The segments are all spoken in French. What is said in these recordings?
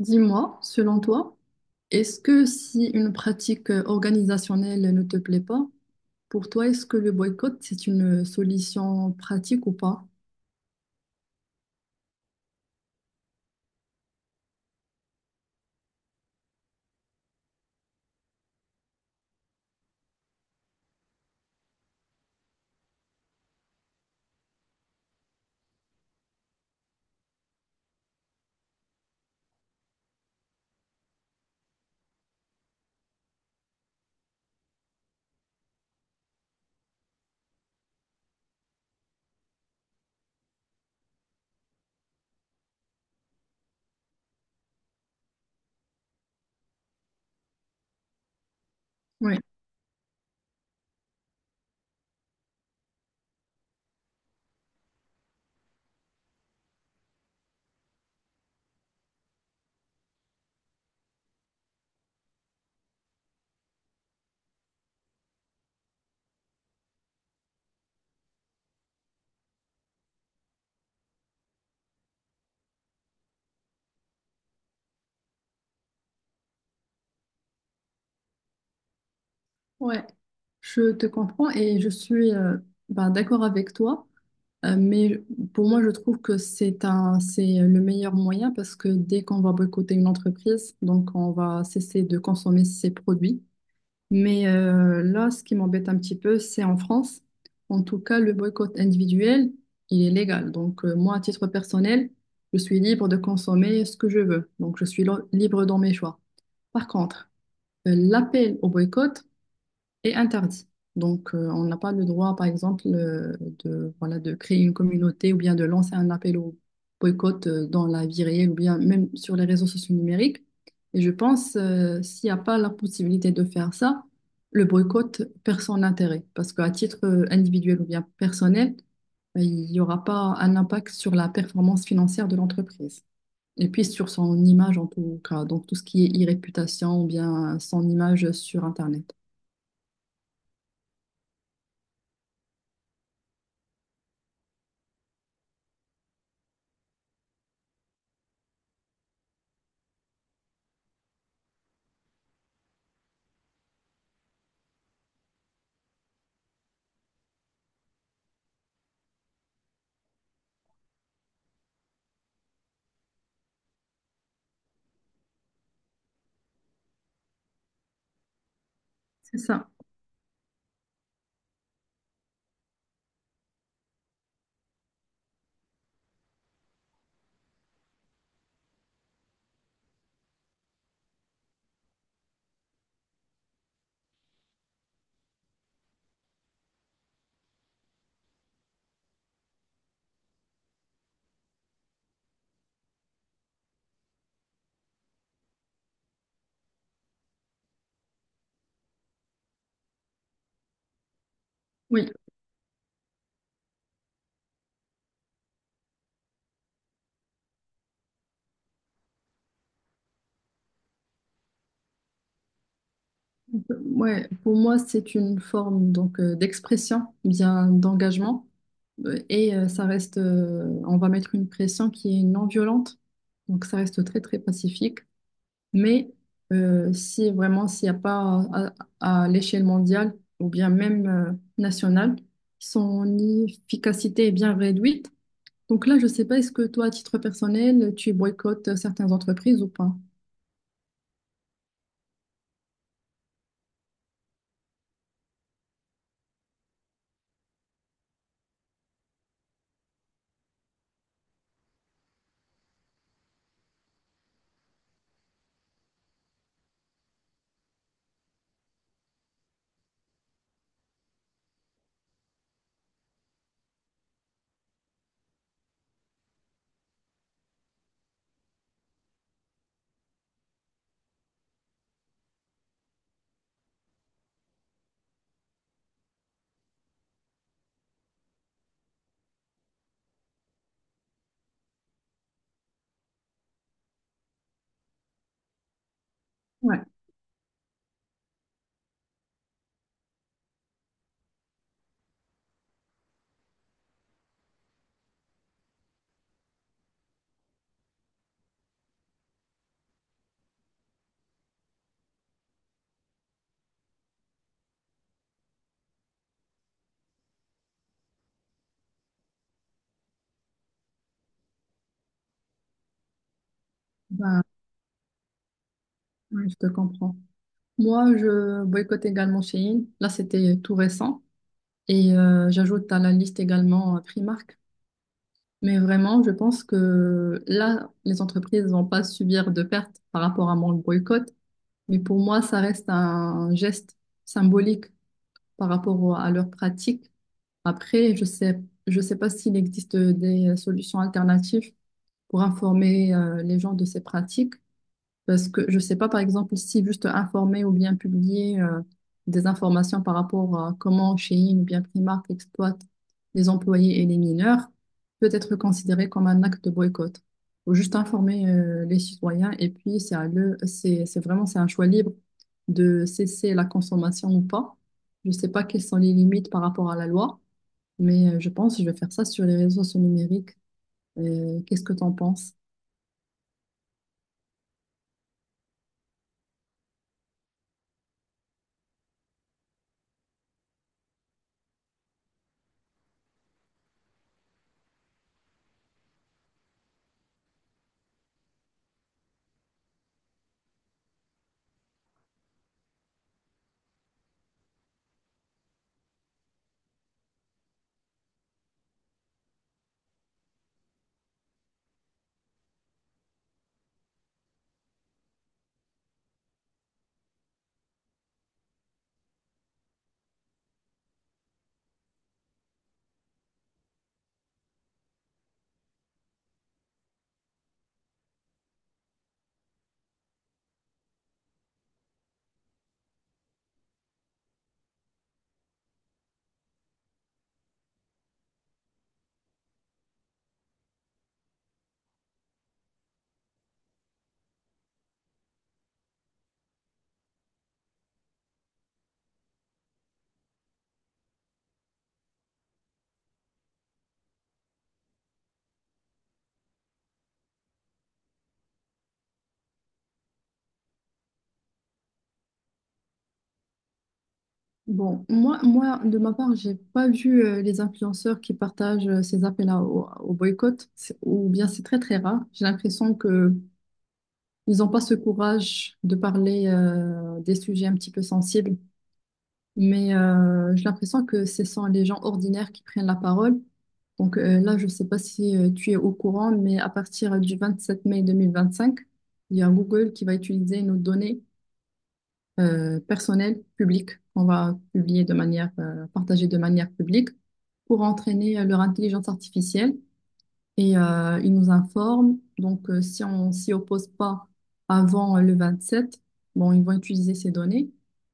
Dis-moi, selon toi, est-ce que si une pratique organisationnelle ne te plaît pas, pour toi, est-ce que le boycott, c'est une solution pratique ou pas? Oui, ouais, ouais, je te comprends et je suis bah, d'accord avec toi, mais pour moi, je trouve que c'est un, c'est le meilleur moyen parce que dès qu'on va boycotter une entreprise, donc on va cesser de consommer ses produits. Mais là, ce qui m'embête un petit peu, c'est en France. En tout cas, le boycott individuel, il est légal. Donc, moi, à titre personnel, je suis libre de consommer ce que je veux. Donc, je suis libre dans mes choix. Par contre, l'appel au boycott, est interdit. Donc, on n'a pas le droit, par exemple, de, voilà, de créer une communauté ou bien de lancer un appel au boycott dans la vie réelle ou bien même sur les réseaux sociaux numériques. Et je pense, s'il n'y a pas la possibilité de faire ça, le boycott perd son intérêt parce qu'à titre individuel ou bien personnel, il n'y aura pas un impact sur la performance financière de l'entreprise. Et puis sur son image en tout cas, donc tout ce qui est e-réputation ou bien son image sur Internet. C'est ça. Oui, ouais, pour moi, c'est une forme donc d'expression, bien d'engagement, ça reste, on va mettre une pression qui est non violente, donc ça reste très très pacifique. Mais si vraiment s'il n'y a pas à, l'échelle mondiale ou bien même nationale, son efficacité est bien réduite. Donc là, je sais pas, est-ce que toi, à titre personnel, tu boycottes certaines entreprises ou pas? Ouais, bah, ouais, je te comprends. Moi, je boycotte également Shein. Là, c'était tout récent. Et j'ajoute à la liste également Primark. Mais vraiment, je pense que là, les entreprises vont pas subir de pertes par rapport à mon boycott. Mais pour moi, ça reste un geste symbolique par rapport à leur pratique. Après, je sais pas s'il existe des solutions alternatives pour informer les gens de ces pratiques. Parce que je sais pas, par exemple, si juste informer ou bien publier des informations par rapport à comment Shein ou bien Primark exploite les employés et les mineurs peut être considéré comme un acte de boycott. Faut juste informer les citoyens et puis c'est à eux, c'est vraiment c'est un choix libre de cesser la consommation ou pas. Je sais pas quelles sont les limites par rapport à la loi, mais je pense que je vais faire ça sur les réseaux sociaux numériques. Qu'est-ce que tu en penses? Bon, moi, de ma part, j'ai pas vu les influenceurs qui partagent ces appels-là au, au boycott, ou bien c'est très très rare. J'ai l'impression que ils n'ont pas ce courage de parler des sujets un petit peu sensibles, mais j'ai l'impression que ce sont les gens ordinaires qui prennent la parole. Donc là, je sais pas si tu es au courant, mais à partir du 27 mai 2025, il y a Google qui va utiliser nos données personnel, public, qu'on va publier de manière, partager de manière publique pour entraîner leur intelligence artificielle. Et ils nous informent. Donc, si on s'y oppose pas avant le 27 bon, ils vont utiliser ces données.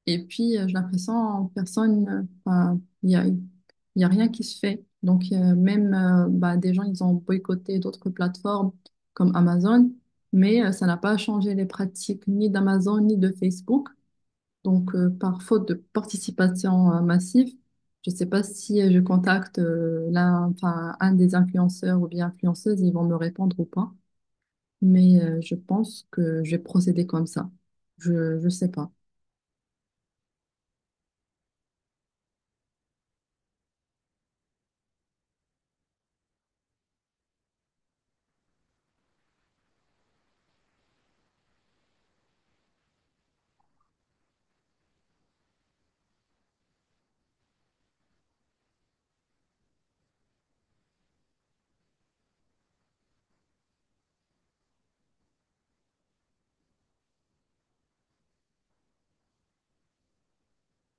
Et puis, j'ai l'impression, enfin, il y a rien qui se fait. Donc, même bah, des gens, ils ont boycotté d'autres plateformes comme Amazon, mais ça n'a pas changé les pratiques ni d'Amazon ni de Facebook. Donc, par faute de participation massive, je ne sais pas si je contacte enfin, un des influenceurs ou bien influenceuses, ils vont me répondre ou pas. Mais je pense que je vais procéder comme ça. Je ne sais pas.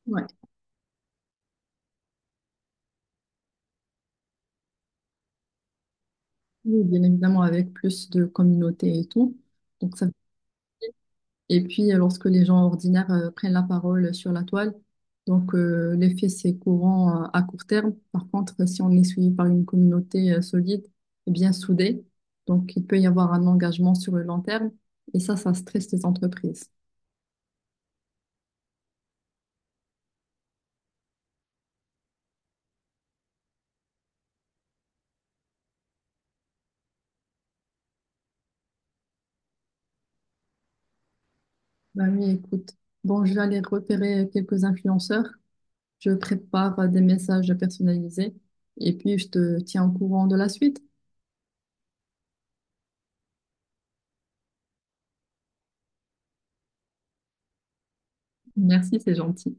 Ouais. Oui, bien évidemment, avec plus de communauté et tout. Donc, ça. Et puis, lorsque les gens ordinaires prennent la parole sur la toile, donc l'effet, c'est courant à court terme. Par contre, si on est suivi par une communauté solide, eh bien soudée, donc il peut y avoir un engagement sur le long terme. Et ça stresse les entreprises. Bah oui, écoute. Bon, je vais aller repérer quelques influenceurs. Je prépare des messages personnalisés. Et puis, je te tiens au courant de la suite. Merci, c'est gentil.